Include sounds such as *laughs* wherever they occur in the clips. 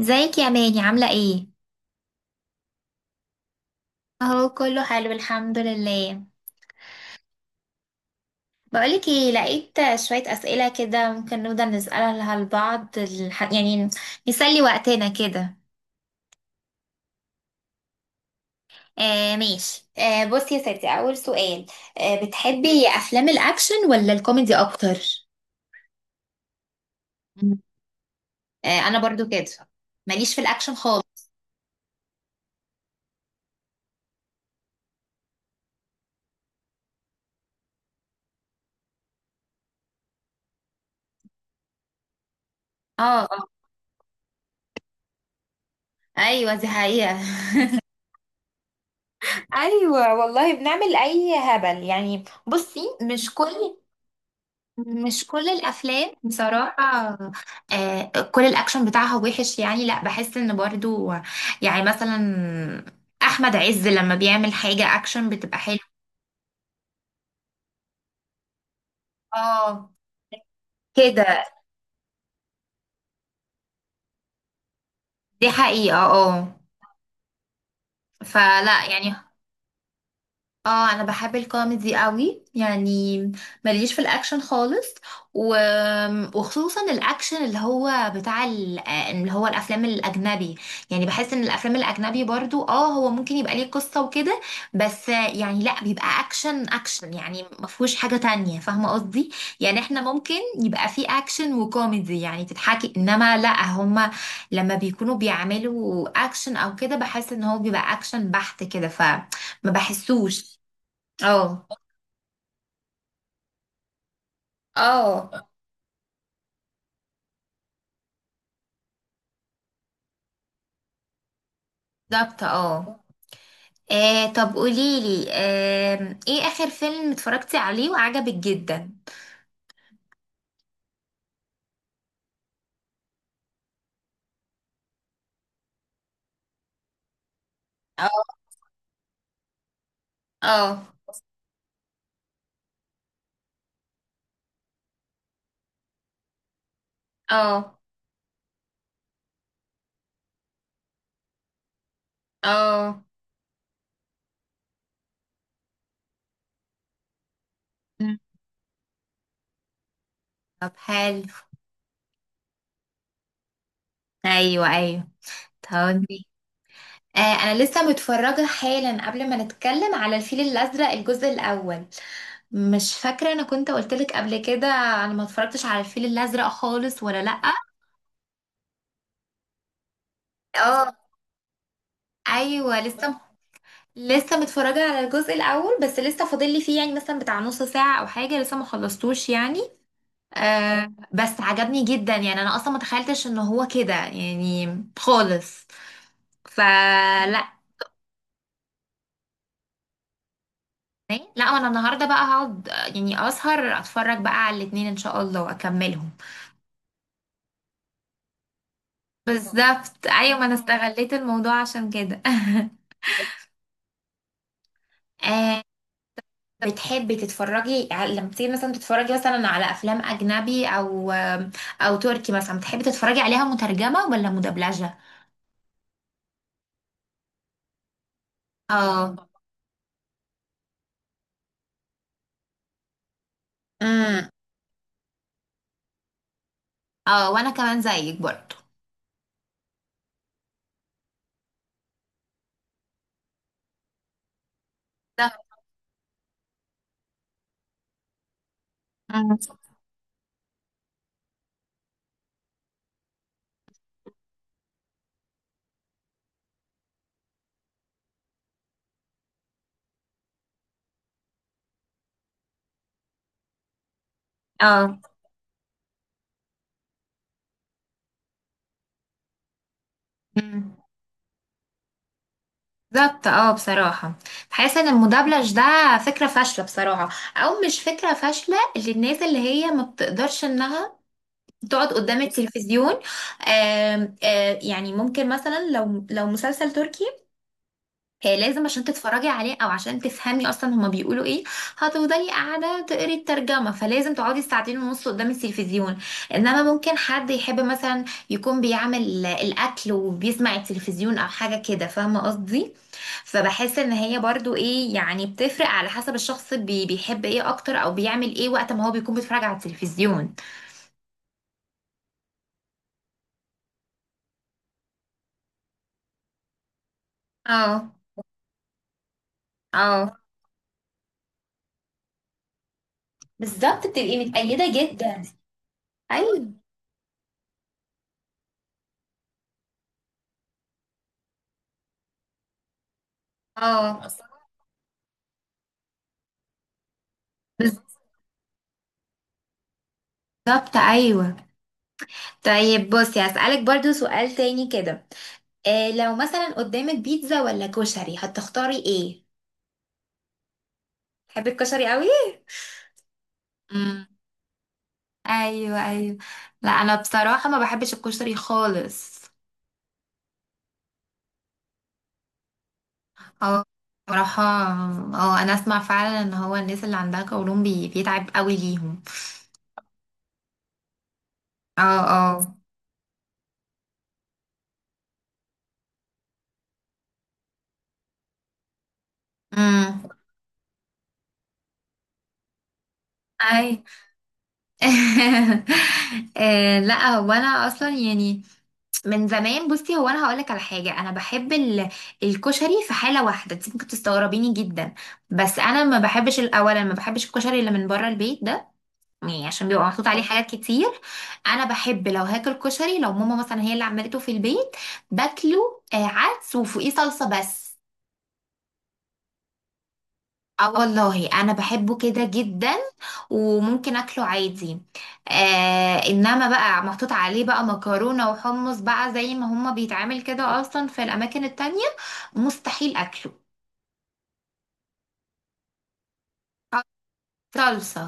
ازيك يا ماني؟ عاملة ايه؟ اهو كله حلو، الحمد لله. بقولك ايه، لقيت شوية اسئلة كده، ممكن نفضل نسألها لبعض يعني نسلي وقتنا كده. آه ماشي، آه بصي يا ستي، اول سؤال، آه بتحبي افلام الاكشن ولا الكوميدي اكتر؟ مم. آه انا برضو كده، ماليش في الاكشن خالص. اه، اه، ايوه دي حقيقة. *laughs* ايوه والله بنعمل اي هبل، يعني بصي، مش كل مش كل الافلام بصراحه، آه كل الاكشن بتاعها وحش، يعني لا، بحس ان برضو يعني مثلا احمد عز لما بيعمل حاجه اكشن بتبقى حلوه. اه كده، دي حقيقه اه، فلا يعني. اه انا بحب الكوميدي قوي يعني، ماليش في الاكشن خالص، و... وخصوصا الاكشن اللي هو بتاع اللي هو الافلام الاجنبي، يعني بحس ان الافلام الاجنبي برضو اه، هو ممكن يبقى ليه قصة وكده، بس يعني لا، بيبقى اكشن اكشن يعني، ما فيهوش حاجة تانية، فاهمة قصدي؟ يعني احنا ممكن يبقى فيه اكشن وكوميدي يعني تضحكي، انما لا، هما لما بيكونوا بيعملوا اكشن او كده بحس ان هو بيبقى اكشن بحت كده، ف ما بحسوش. اه، اه، بالظبط اه. آه، طب قوليلي، آه، ايه اخر فيلم اتفرجتي عليه وعجبك جدا؟ اه، اه، اه، اه، مم. طب حلو. ايوه ايوه، طب آه انا لسه متفرجه حالا قبل ما نتكلم على الفيل الازرق الجزء الاول. مش فاكره انا كنت قلتلك قبل كده انا ما اتفرجتش على الفيل الازرق خالص ولا لا. اه، ايوه لسه، لسه متفرجة على الجزء الأول، بس لسه فاضل لي فيه يعني مثلا بتاع نص ساعة أو حاجة، لسه ما خلصتوش يعني. آه بس عجبني جدا يعني، أنا أصلا ما تخيلتش إن هو كده يعني خالص، فلا. لا أنا النهاردة بقى هقعد، آه، يعني أسهر أتفرج بقى على الاتنين إن شاء الله وأكملهم. بالظبط أيوة، ما أنا استغليت الموضوع عشان كده. *laughs* بتحبي تتفرجي لما بتيجي مثلا تتفرجي مثلا على افلام اجنبي او تركي مثلا، بتحبي تتفرجي عليها مترجمة ولا مدبلجة؟ اه، امم اه وانا كمان زيك برضو. ده- أمم. اه، أمم. بالظبط اه، بصراحة بحس ان المدبلج ده فكرة فاشلة بصراحة، او مش فكرة فاشلة للناس اللي هي ما بتقدرش انها تقعد قدام التلفزيون. آم، آه، يعني ممكن مثلا لو مسلسل تركي، هي لازم عشان تتفرجي عليه او عشان تفهمي اصلا هما بيقولوا ايه، هتفضلي قاعده تقري الترجمه، فلازم تقعدي ساعتين ونص قدام التلفزيون، انما ممكن حد يحب مثلا يكون بيعمل الاكل وبيسمع التلفزيون او حاجه كده، فاهمه قصدي؟ فبحس ان هي برضو ايه يعني، بتفرق على حسب الشخص بيحب ايه اكتر او بيعمل ايه وقت ما هو بيكون بيتفرج على التلفزيون. اه، اه، بالظبط بتبقي متقيده جدا. ايوه، اه، بالظبط ايوه. طيب بصي هسألك برضو سؤال تاني كده، إيه لو مثلا قدامك بيتزا ولا كشري، هتختاري ايه؟ تحبي الكشري قوي؟ امم ايوه ايوه، لا انا بصراحه ما بحبش الكشري خالص. اه، بصراحه اه انا اسمع فعلا ان هو الناس اللي عندها قولون بيتعب قوي ليهم. اه، اه، امم *laughs* آه، لا هو انا اصلا يعني من زمان، بصي هو انا هقولك على حاجه، انا بحب الكشري في حاله واحده، انت ممكن تستغربيني جدا، بس انا ما بحبش، الاولا ما بحبش الكشري اللي من بره البيت ده، يعني عشان بيبقى محطوط عليه حاجات كتير. انا بحب لو هاكل كشري لو ماما مثلا هي اللي عملته في البيت باكله. آه، عدس وفوقيه صلصه بس. اه والله انا بحبه كده جدا، وممكن اكله عادي. آه انما بقى محطوط عليه بقى مكرونه وحمص بقى زي ما هما بيتعمل كده اصلا في الاماكن التانية، مستحيل اكله. آه، صلصه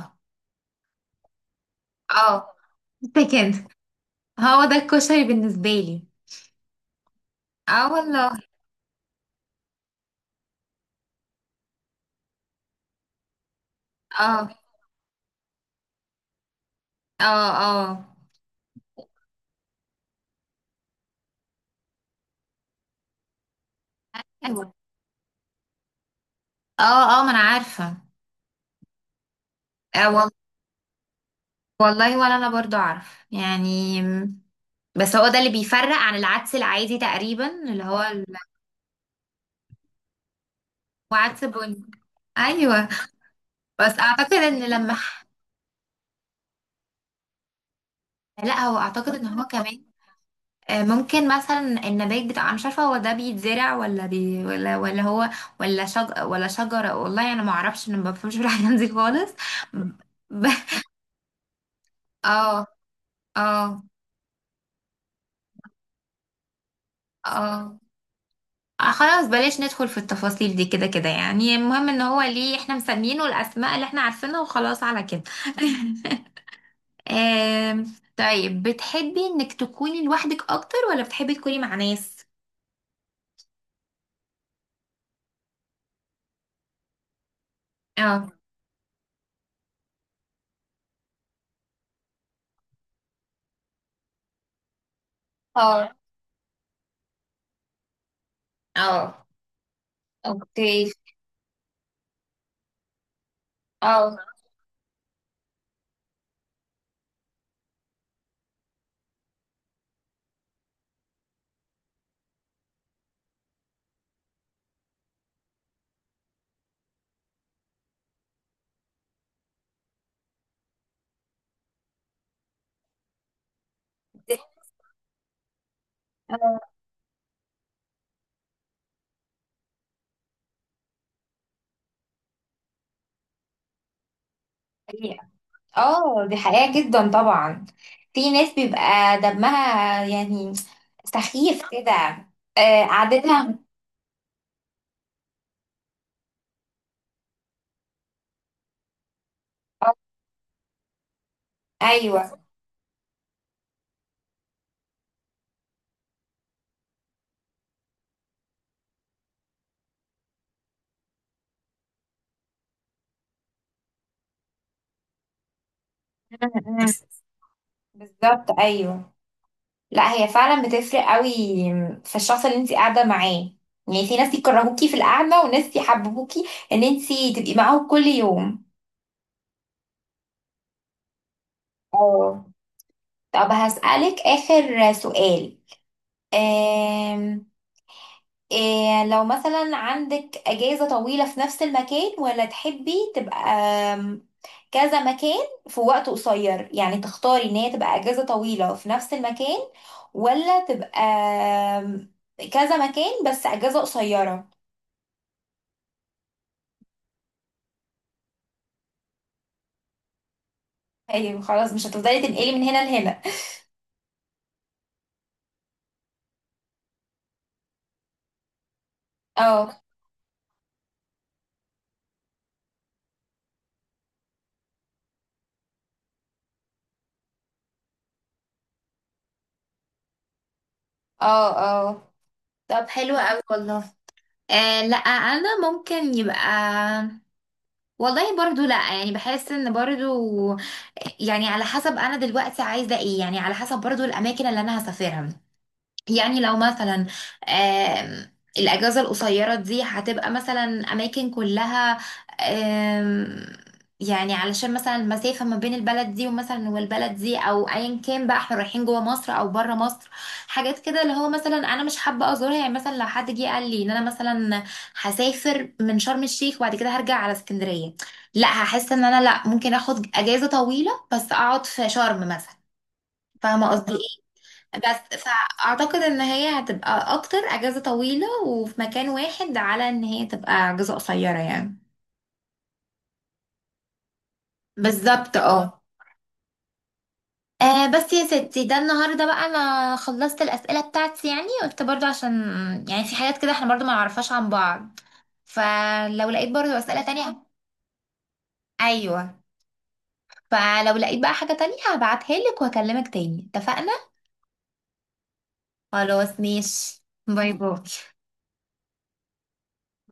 اه، ده كده هو ده الكشري بالنسبه لي، اه والله. اه، اه، اه أيوة. اه، اه ما انا عارفه. آه وال- والله ولا انا برضو اعرف يعني، بس هو ده اللي بيفرق عن العدس العادي تقريبا، اللي هو وعدس بني. ايوه، بس اعتقد ان لما لا هو اعتقد ان هو كمان، آه، ممكن مثلا النبات بتاع، انا مش عارفه هو ده بيتزرع ولا بي ولا ولا هو ولا شج ولا شجره، والله انا ما اعرفش، انا ما بفهمش في الحاجات دي خالص ب... *laughs* اه، اه، اه، آه، خلاص بلاش ندخل في التفاصيل دي، كده كده يعني المهم ان هو ليه احنا مسمينه الاسماء اللي احنا عارفينها وخلاص على كده. *laughs* آم، طيب بتحبي انك تكوني لوحدك اكتر ولا بتحبي تكوني مع ناس؟ اه، اه، اه، اوكي، اه دي اه حقيقة. اه دي حقيقة جدا طبعا، في ناس بيبقى دمها يعني سخيف كده، آه، قعدتها. ايوه، م- م. بالظبط ايوه، لا هي فعلا بتفرق قوي، في الشخص اللي انت قاعده معاه، يعني في ناس يكرهوكي في القعده وناس يحببوكي ان انت تبقي معاهم كل يوم. اه، طب هسألك آخر سؤال. آم... إيه لو مثلا عندك أجازة طويلة في نفس المكان ولا تحبي تبقى، آم، كذا مكان في وقت قصير، يعني تختاري ان هي تبقى أجازة طويلة في نفس المكان ولا تبقى، كذا مكان بس أجازة قصيرة. ايوه خلاص، مش هتفضلي تنقلي من هنا لهنا. اه، اه، اه، طب حلو قوي والله. آه لا انا ممكن يبقى، والله برضو لا يعني، بحس ان برضو، يعني على حسب انا دلوقتي عايزه ايه، يعني على حسب برضو الاماكن اللي انا هسافرها. يعني لو مثلا، آم، الأجازة القصيرة دي هتبقى مثلا أماكن كلها، آم، يعني علشان مثلا المسافة ما بين البلد دي ومثلا والبلد دي، أو أيا كان بقى احنا رايحين جوه مصر أو بره مصر، حاجات كده اللي هو مثلا أنا مش حابة أزورها. يعني مثلا لو حد جه قال لي إن أنا مثلا هسافر من شرم الشيخ وبعد كده هرجع على اسكندرية، لا هحس إن أنا لا، ممكن أخد أجازة طويلة بس أقعد في شرم مثلا، فاهمة قصدي؟ بس فاعتقد ان هي هتبقى اكتر اجازة طويلة وفي مكان واحد، على ان هي تبقى اجازة قصيرة يعني. بالظبط اه. آه بس يا ستي، ده النهارده بقى انا خلصت الاسئله بتاعتي، يعني قلت برضو عشان يعني في حاجات كده احنا برضو ما نعرفهاش عن بعض، فلو لقيت برضو اسئله تانية. ايوه، فلو لقيت بقى حاجه تانية هبعتها لك وهكلمك تاني، اتفقنا؟ خلاص ماشي، باي باي.